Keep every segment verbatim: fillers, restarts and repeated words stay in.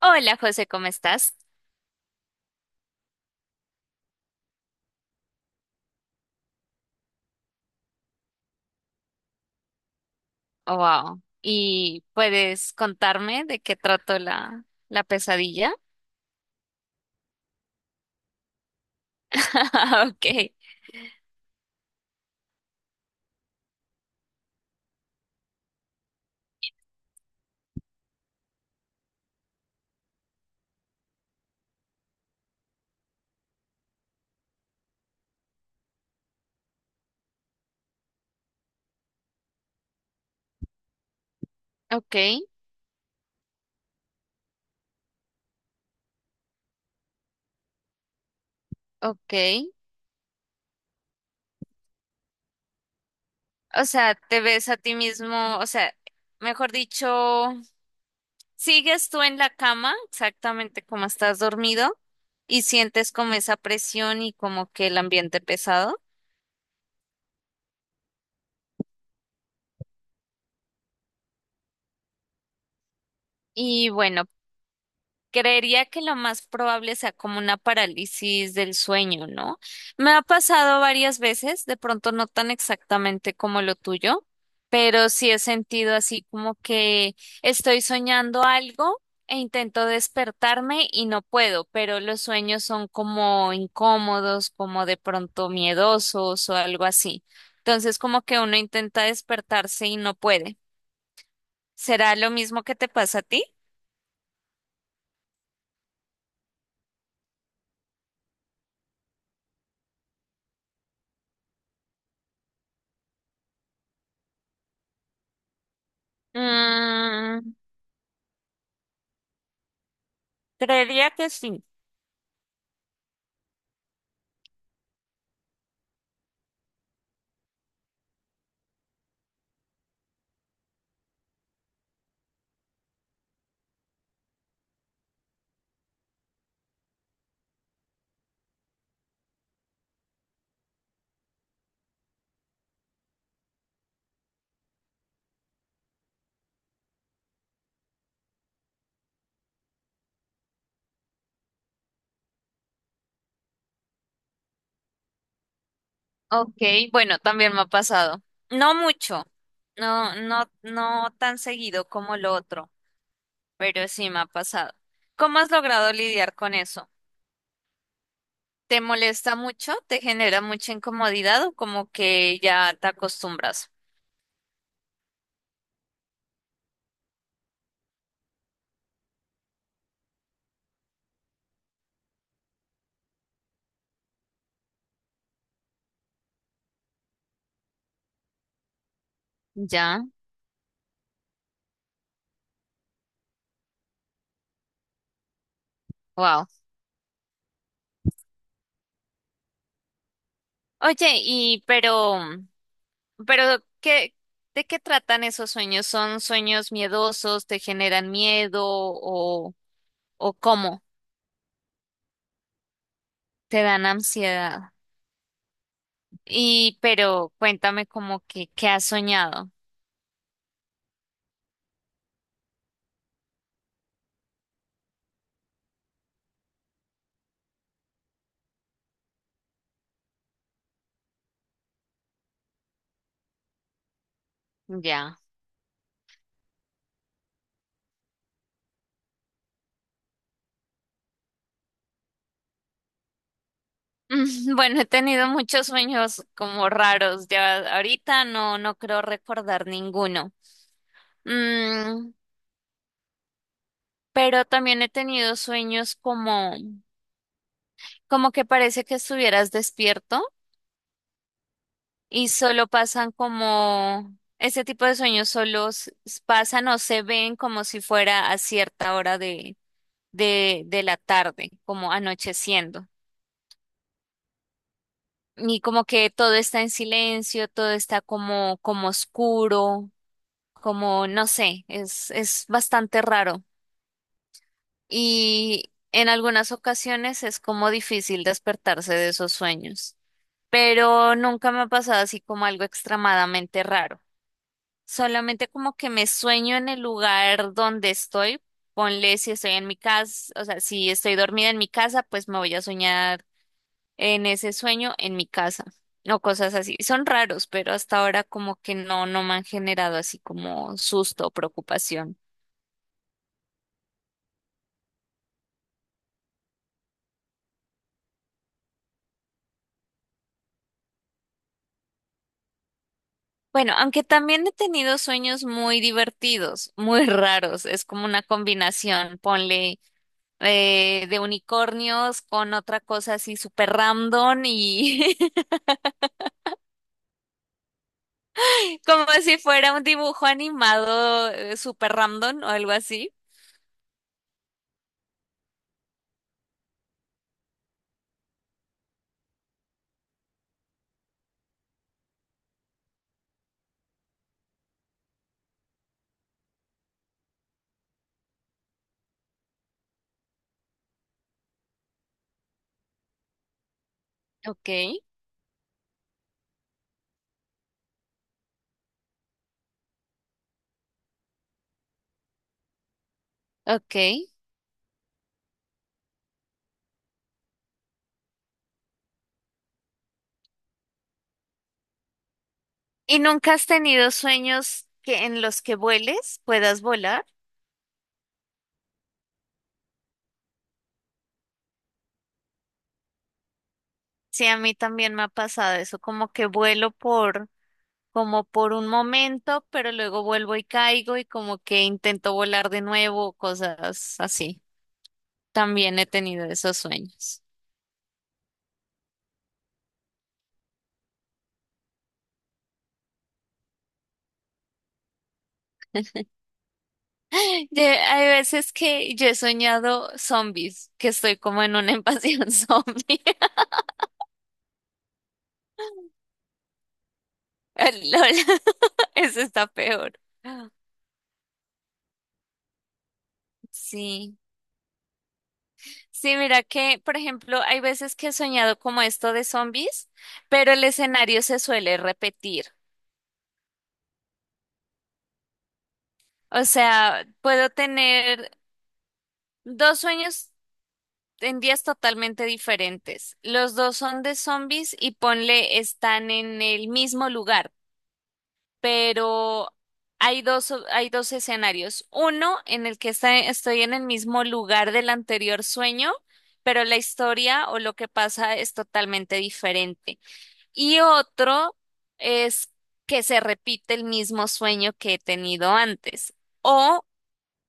Hola José, ¿cómo estás? Wow. ¿Y puedes contarme de qué trató la, la pesadilla? Ok, ok, ok. O sea, te ves a ti mismo, o sea, mejor dicho, sigues tú en la cama exactamente como estás dormido y sientes como esa presión y como que el ambiente pesado. Y bueno, creería que lo más probable sea como una parálisis del sueño, ¿no? Me ha pasado varias veces, de pronto no tan exactamente como lo tuyo, pero sí he sentido así como que estoy soñando algo e intento despertarme y no puedo, pero los sueños son como incómodos, como de pronto miedosos o algo así. Entonces como que uno intenta despertarse y no puede. ¿Será lo mismo que te pasa a ti? Mm, Creería que sí. Ok, bueno, también me ha pasado. No mucho, no, no, no tan seguido como lo otro, pero sí me ha pasado. ¿Cómo has logrado lidiar con eso? ¿Te molesta mucho? ¿Te genera mucha incomodidad o como que ya te acostumbras? Ya, wow. Oye, y pero, pero ¿qué, de qué tratan esos sueños? ¿Son sueños miedosos? ¿Te generan miedo o, o cómo? ¿Te dan ansiedad? Y, pero cuéntame como que, ¿qué has soñado? Ya. Mm, Bueno, he tenido muchos sueños como raros. Ya ahorita no, no creo recordar ninguno. Mm, pero también he tenido sueños como, como que parece que estuvieras despierto y solo pasan como, ese tipo de sueños solo s- pasan o se ven como si fuera a cierta hora de, de, de la tarde, como anocheciendo. Y como que todo está en silencio, todo está como, como oscuro, como no sé, es, es bastante raro. Y en algunas ocasiones es como difícil despertarse de esos sueños. Pero nunca me ha pasado así como algo extremadamente raro. Solamente como que me sueño en el lugar donde estoy. Ponle si estoy en mi casa, o sea, si estoy dormida en mi casa, pues me voy a soñar en ese sueño en mi casa o cosas así. Son raros, pero hasta ahora como que no, no me han generado así como susto o preocupación. Bueno, aunque también he tenido sueños muy divertidos, muy raros, es como una combinación, ponle eh, de unicornios con otra cosa así súper random y como si fuera un dibujo animado eh, súper random o algo así. Ok, ok. ¿Y nunca has tenido sueños que en los que vueles, puedas volar? Sí, a mí también me ha pasado eso, como que vuelo por, como por un momento, pero luego vuelvo y caigo y como que intento volar de nuevo, cosas así. También he tenido esos sueños. De hay veces que yo he soñado zombies, que estoy como en una invasión zombie. LOL, eso está peor. Sí. Sí, mira que, por ejemplo, hay veces que he soñado como esto de zombies, pero el escenario se suele repetir. O sea, puedo tener dos sueños en días totalmente diferentes. Los dos son de zombies y ponle están en el mismo lugar, pero hay dos, hay dos escenarios. Uno en el que está- estoy en el mismo lugar del anterior sueño, pero la historia o lo que pasa es totalmente diferente. Y otro es que se repite el mismo sueño que he tenido antes o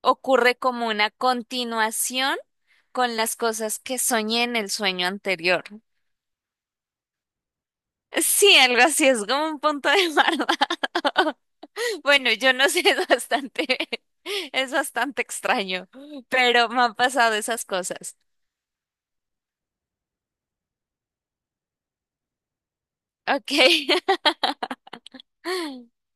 ocurre como una continuación con las cosas que soñé en el sueño anterior. Sí, algo así, es como un punto de barba. Bueno, yo no sé, es bastante, es bastante extraño, pero me han pasado esas cosas. Ok.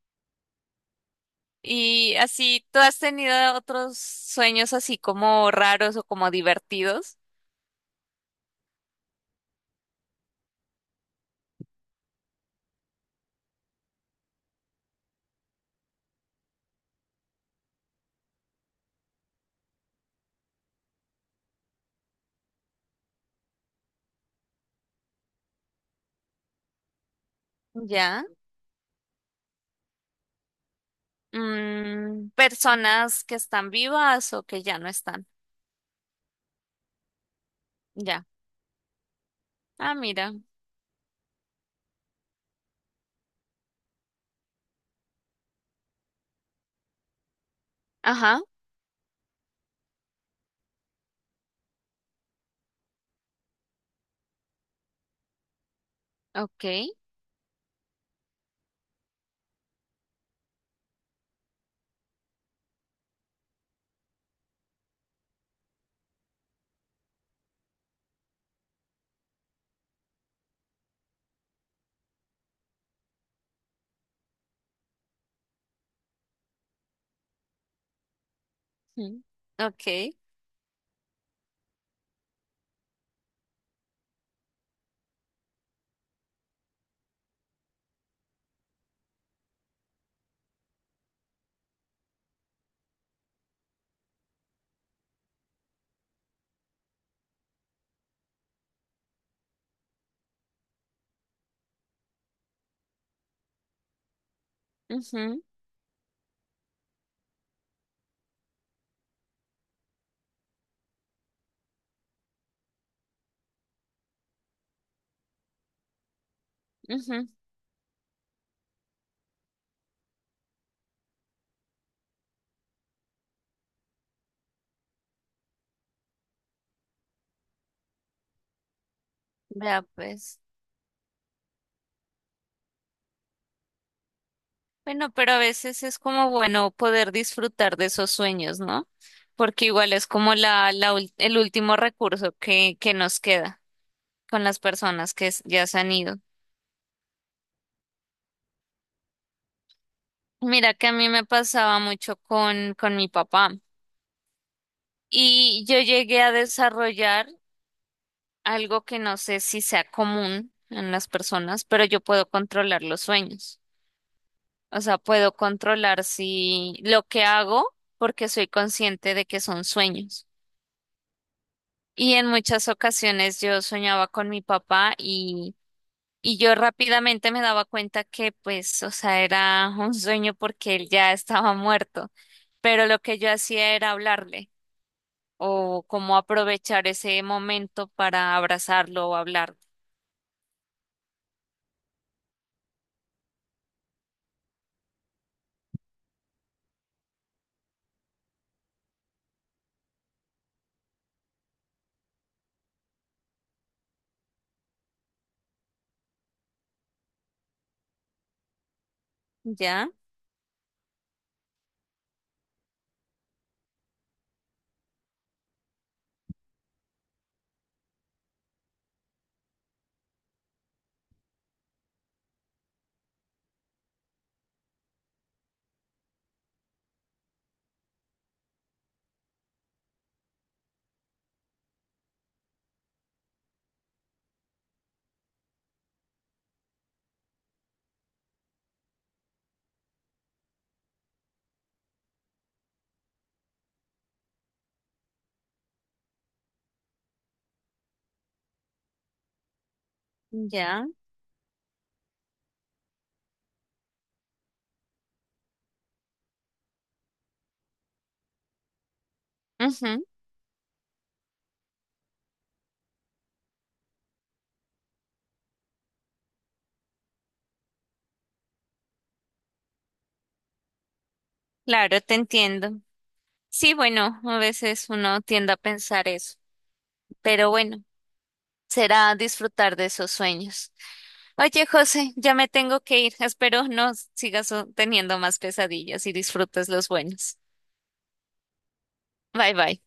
Y así, ¿tú has tenido otros sueños así como raros o como divertidos? Ya. Mm, personas que están vivas o que ya no están. Ya. Ah, mira. Ajá. Ok. Ujú. Ok. Ujú. Ujú. Vea pues. Bueno, pero a veces es como bueno poder disfrutar de esos sueños, ¿no? Porque igual es como la, la, ul- el último recurso que, que nos queda con las personas que s- ya se han ido. Mira que a mí me pasaba mucho con, con mi papá y yo llegué a desarrollar algo que no sé si sea común en las personas, pero yo puedo controlar los sueños. O sea, puedo controlar si lo que hago porque soy consciente de que son sueños. Y en muchas ocasiones yo soñaba con mi papá y, y yo rápidamente me daba cuenta que pues, o sea, era un sueño porque él ya estaba muerto. Pero lo que yo hacía era hablarle o como aprovechar ese momento para abrazarlo o hablar. ¿Ya? ¿Ya? Ujú. Claro, te entiendo. Sí, bueno, a veces uno tiende a pensar eso, pero bueno, será disfrutar de esos sueños. Oye, José, ya me tengo que ir. Espero no sigas oh, teniendo más pesadillas y disfrutes los buenos. Bye bye.